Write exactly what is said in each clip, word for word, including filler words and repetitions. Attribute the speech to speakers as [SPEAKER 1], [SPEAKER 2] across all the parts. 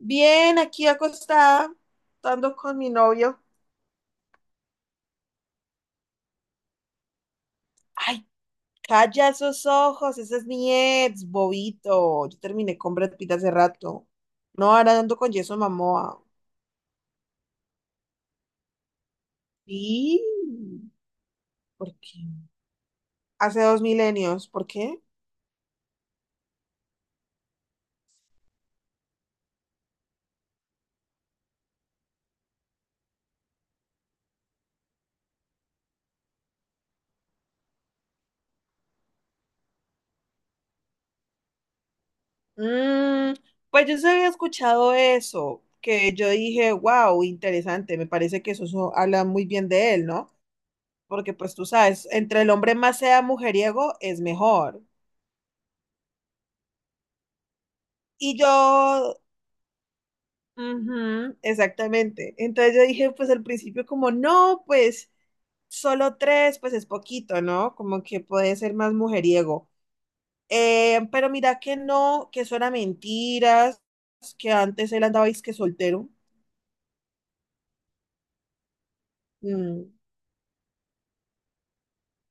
[SPEAKER 1] Bien, aquí acostada, estando con mi novio. Ay, calla esos ojos, ese es mi ex, bobito. Yo terminé con Brad Pitt hace rato. No, ahora ando con Jason Momoa. Sí, ¿por qué? Hace dos milenios, ¿por qué? Mm, pues yo se había escuchado eso, que yo dije, wow, interesante, me parece que eso so- habla muy bien de él, ¿no? Porque pues tú sabes, entre el hombre más sea mujeriego es mejor. Y yo Ujú, exactamente. Entonces yo dije, pues al principio como, no, pues solo tres, pues es poquito, ¿no? Como que puede ser más mujeriego. Eh, pero mira que no, que eso era mentiras, que antes él andaba que soltero. Mm,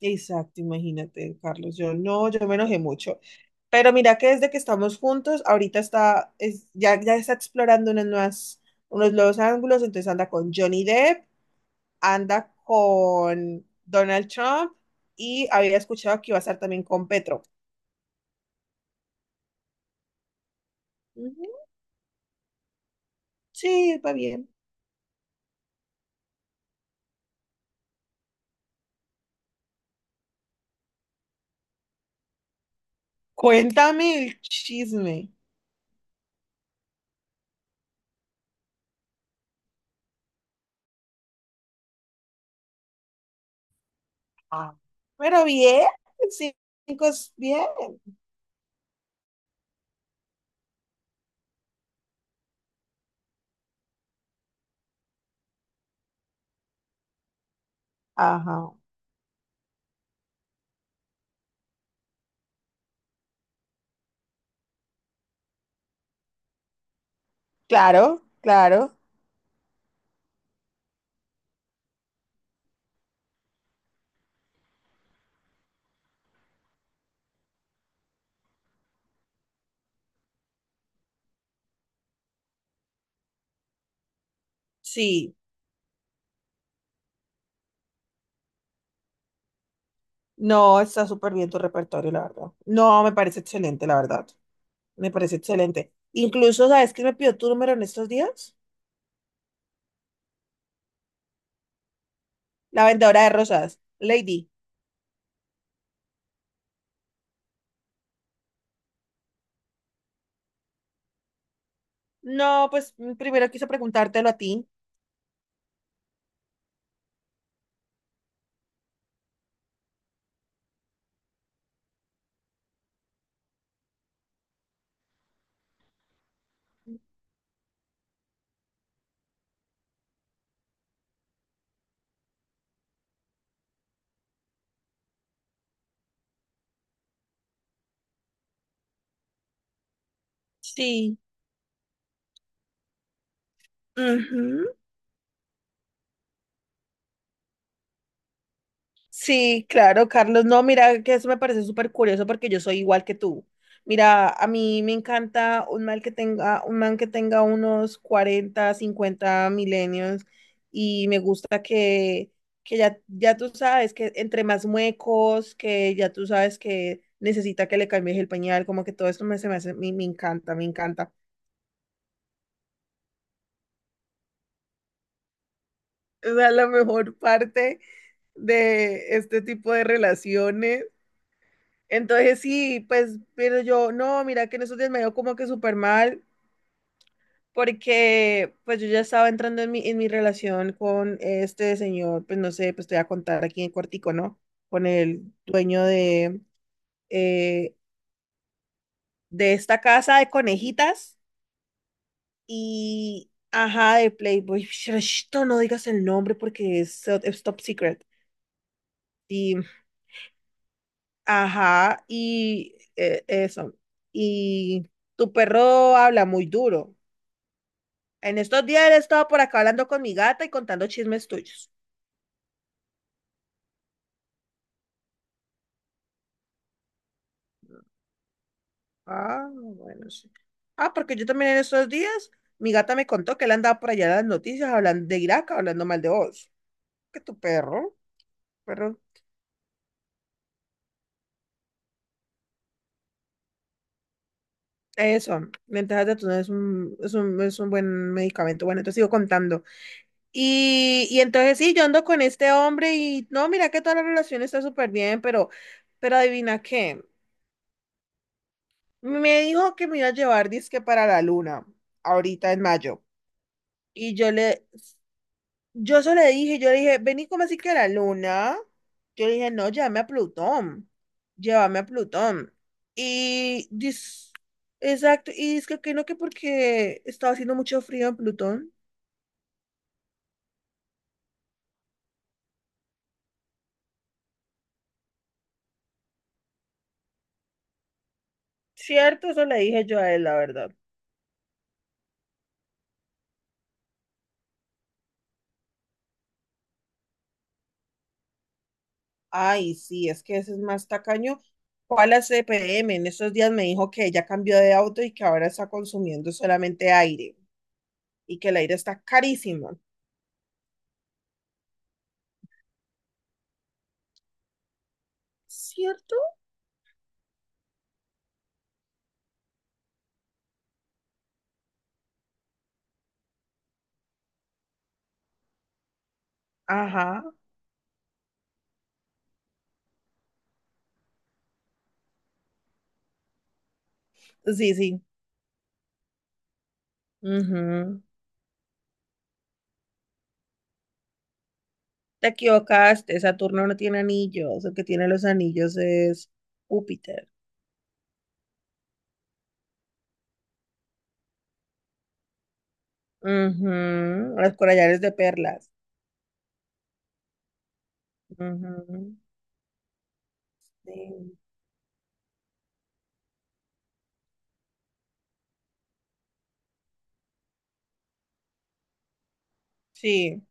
[SPEAKER 1] exacto, imagínate, Carlos. Yo no, yo me enojé mucho. Pero mira que desde que estamos juntos, ahorita está, es, ya, ya está explorando unas nuevas, unos nuevos ángulos, entonces anda con Johnny Depp, anda con Donald Trump, y había escuchado que iba a estar también con Petro. Ujú. Sí, va bien. Cuéntame el chisme. Ah. Pero bien, cinco es bien. Ajá. Claro, claro. Sí. No, está súper bien tu repertorio, la verdad. No, me parece excelente, la verdad. Me parece excelente. Incluso, ¿sabes quién me pidió tu número en estos días? La vendedora de rosas, Lady. No, pues primero quiso preguntártelo a ti. Sí. Ujú. Sí, claro, Carlos. No, mira, que eso me parece súper curioso porque yo soy igual que tú. Mira, a mí me encanta un mal que tenga, un man que tenga unos cuarenta cincuenta milenios y me gusta que, que ya, ya tú sabes que entre más muecos, que ya tú sabes que necesita que le cambies el pañal, como que todo esto me, se me hace, me, me encanta, me encanta. Esa es la mejor parte de este tipo de relaciones. Entonces sí, pues, pero yo, no, mira que en esos días me dio como que súper mal, porque pues yo ya estaba entrando en mi, en mi relación con este señor, pues no sé, pues te voy a contar aquí en cortico, ¿no? Con el dueño de, eh, de esta casa de conejitas y, ajá, de Playboy. Esto no no digas el nombre porque es, es top secret. Y, ajá, y eh, eso. Y tu perro habla muy duro. En estos días he estado por acá hablando con mi gata y contando chismes tuyos. Ah, bueno, sí. Ah, porque yo también en estos días, mi gata me contó que él andaba por allá en las noticias hablando de Irak, hablando mal de vos. Que tu perro, perro. Eso, ventajas de atún es un, es un, es un buen medicamento. Bueno, entonces sigo contando. Y, y entonces sí, yo ando con este hombre y no, mira que toda la relación está súper bien, pero, pero adivina qué, me dijo que me iba a llevar disque para la luna, ahorita en mayo. Y yo le, yo solo le dije, yo le dije, vení como así que a la luna. Yo le dije, no, llévame a Plutón, llévame a Plutón. Y dis, exacto, y es que que no, que porque estaba haciendo mucho frío en Plutón. Cierto, eso le dije yo a él, la verdad. Ay, sí, es que ese es más tacaño. ¿Cuál la C P M? En estos días me dijo que ella cambió de auto y que ahora está consumiendo solamente aire y que el aire está carísimo. ¿Cierto? Ajá, sí, sí. Ujú. Te equivocaste, Saturno no tiene anillos, el que tiene los anillos es Júpiter. Ujú. Los collares de perlas. Ujú. Sí. Sí,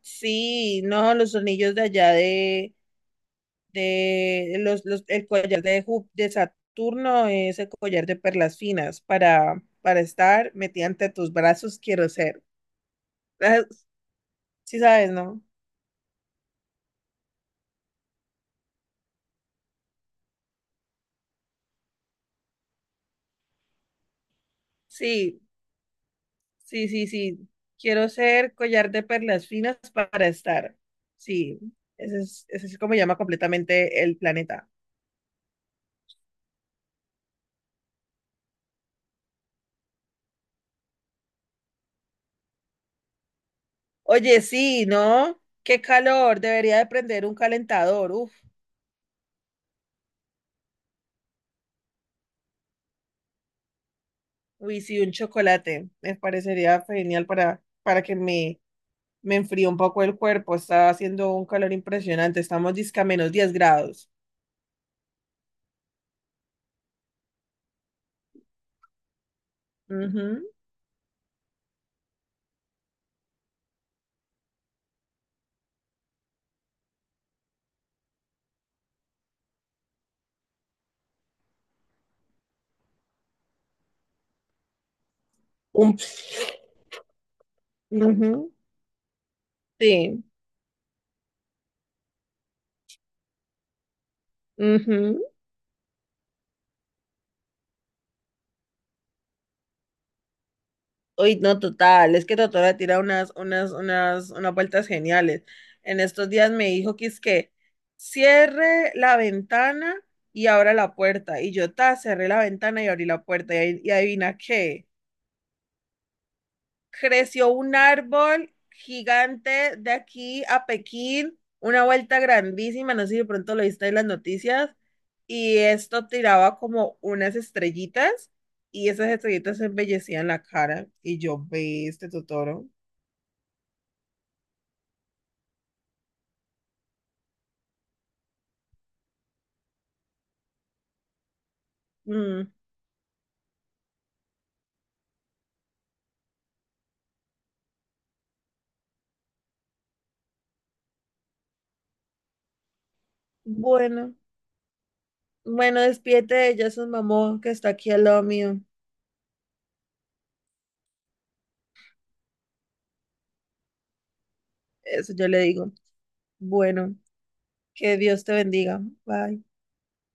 [SPEAKER 1] sí, no, los anillos de allá de, de los, los- el collar de, Jú- de Saturno es el collar de perlas finas para, para estar metida ante tus brazos, quiero ser. Ah, sí sabes, ¿no? Sí. Sí, sí, sí. Quiero ser collar de perlas finas para estar. Sí, ese es, ese es como llama completamente el planeta. Oye, sí, ¿no? Qué calor. Debería de prender un calentador. Uf, uy, sí, un chocolate. Me parecería genial para, para que me, me enfríe un poco el cuerpo. Está haciendo un calor impresionante. Estamos disca menos diez grados. Ujú. Un ps- Ujú. Sí. Ujú. Uy, no, total, es que Totora tira unas, unas, unas, unas vueltas geniales. En estos días me dijo que es que cierre la ventana y abra la puerta. Y yo, ta, cerré la ventana y abrí la puerta. Y, ahí- y adivina qué, creció un árbol gigante de aquí a Pekín, una vuelta grandísima, no sé si de pronto lo viste en las noticias, y esto tiraba como unas estrellitas. Y esas estrellitas embellecían la cara. Y yo, ve este Totoro. Mm, bueno, bueno, despídete de ella, su mamá, que está aquí al lado mío. Eso yo le digo. Bueno, que Dios te bendiga. Bye.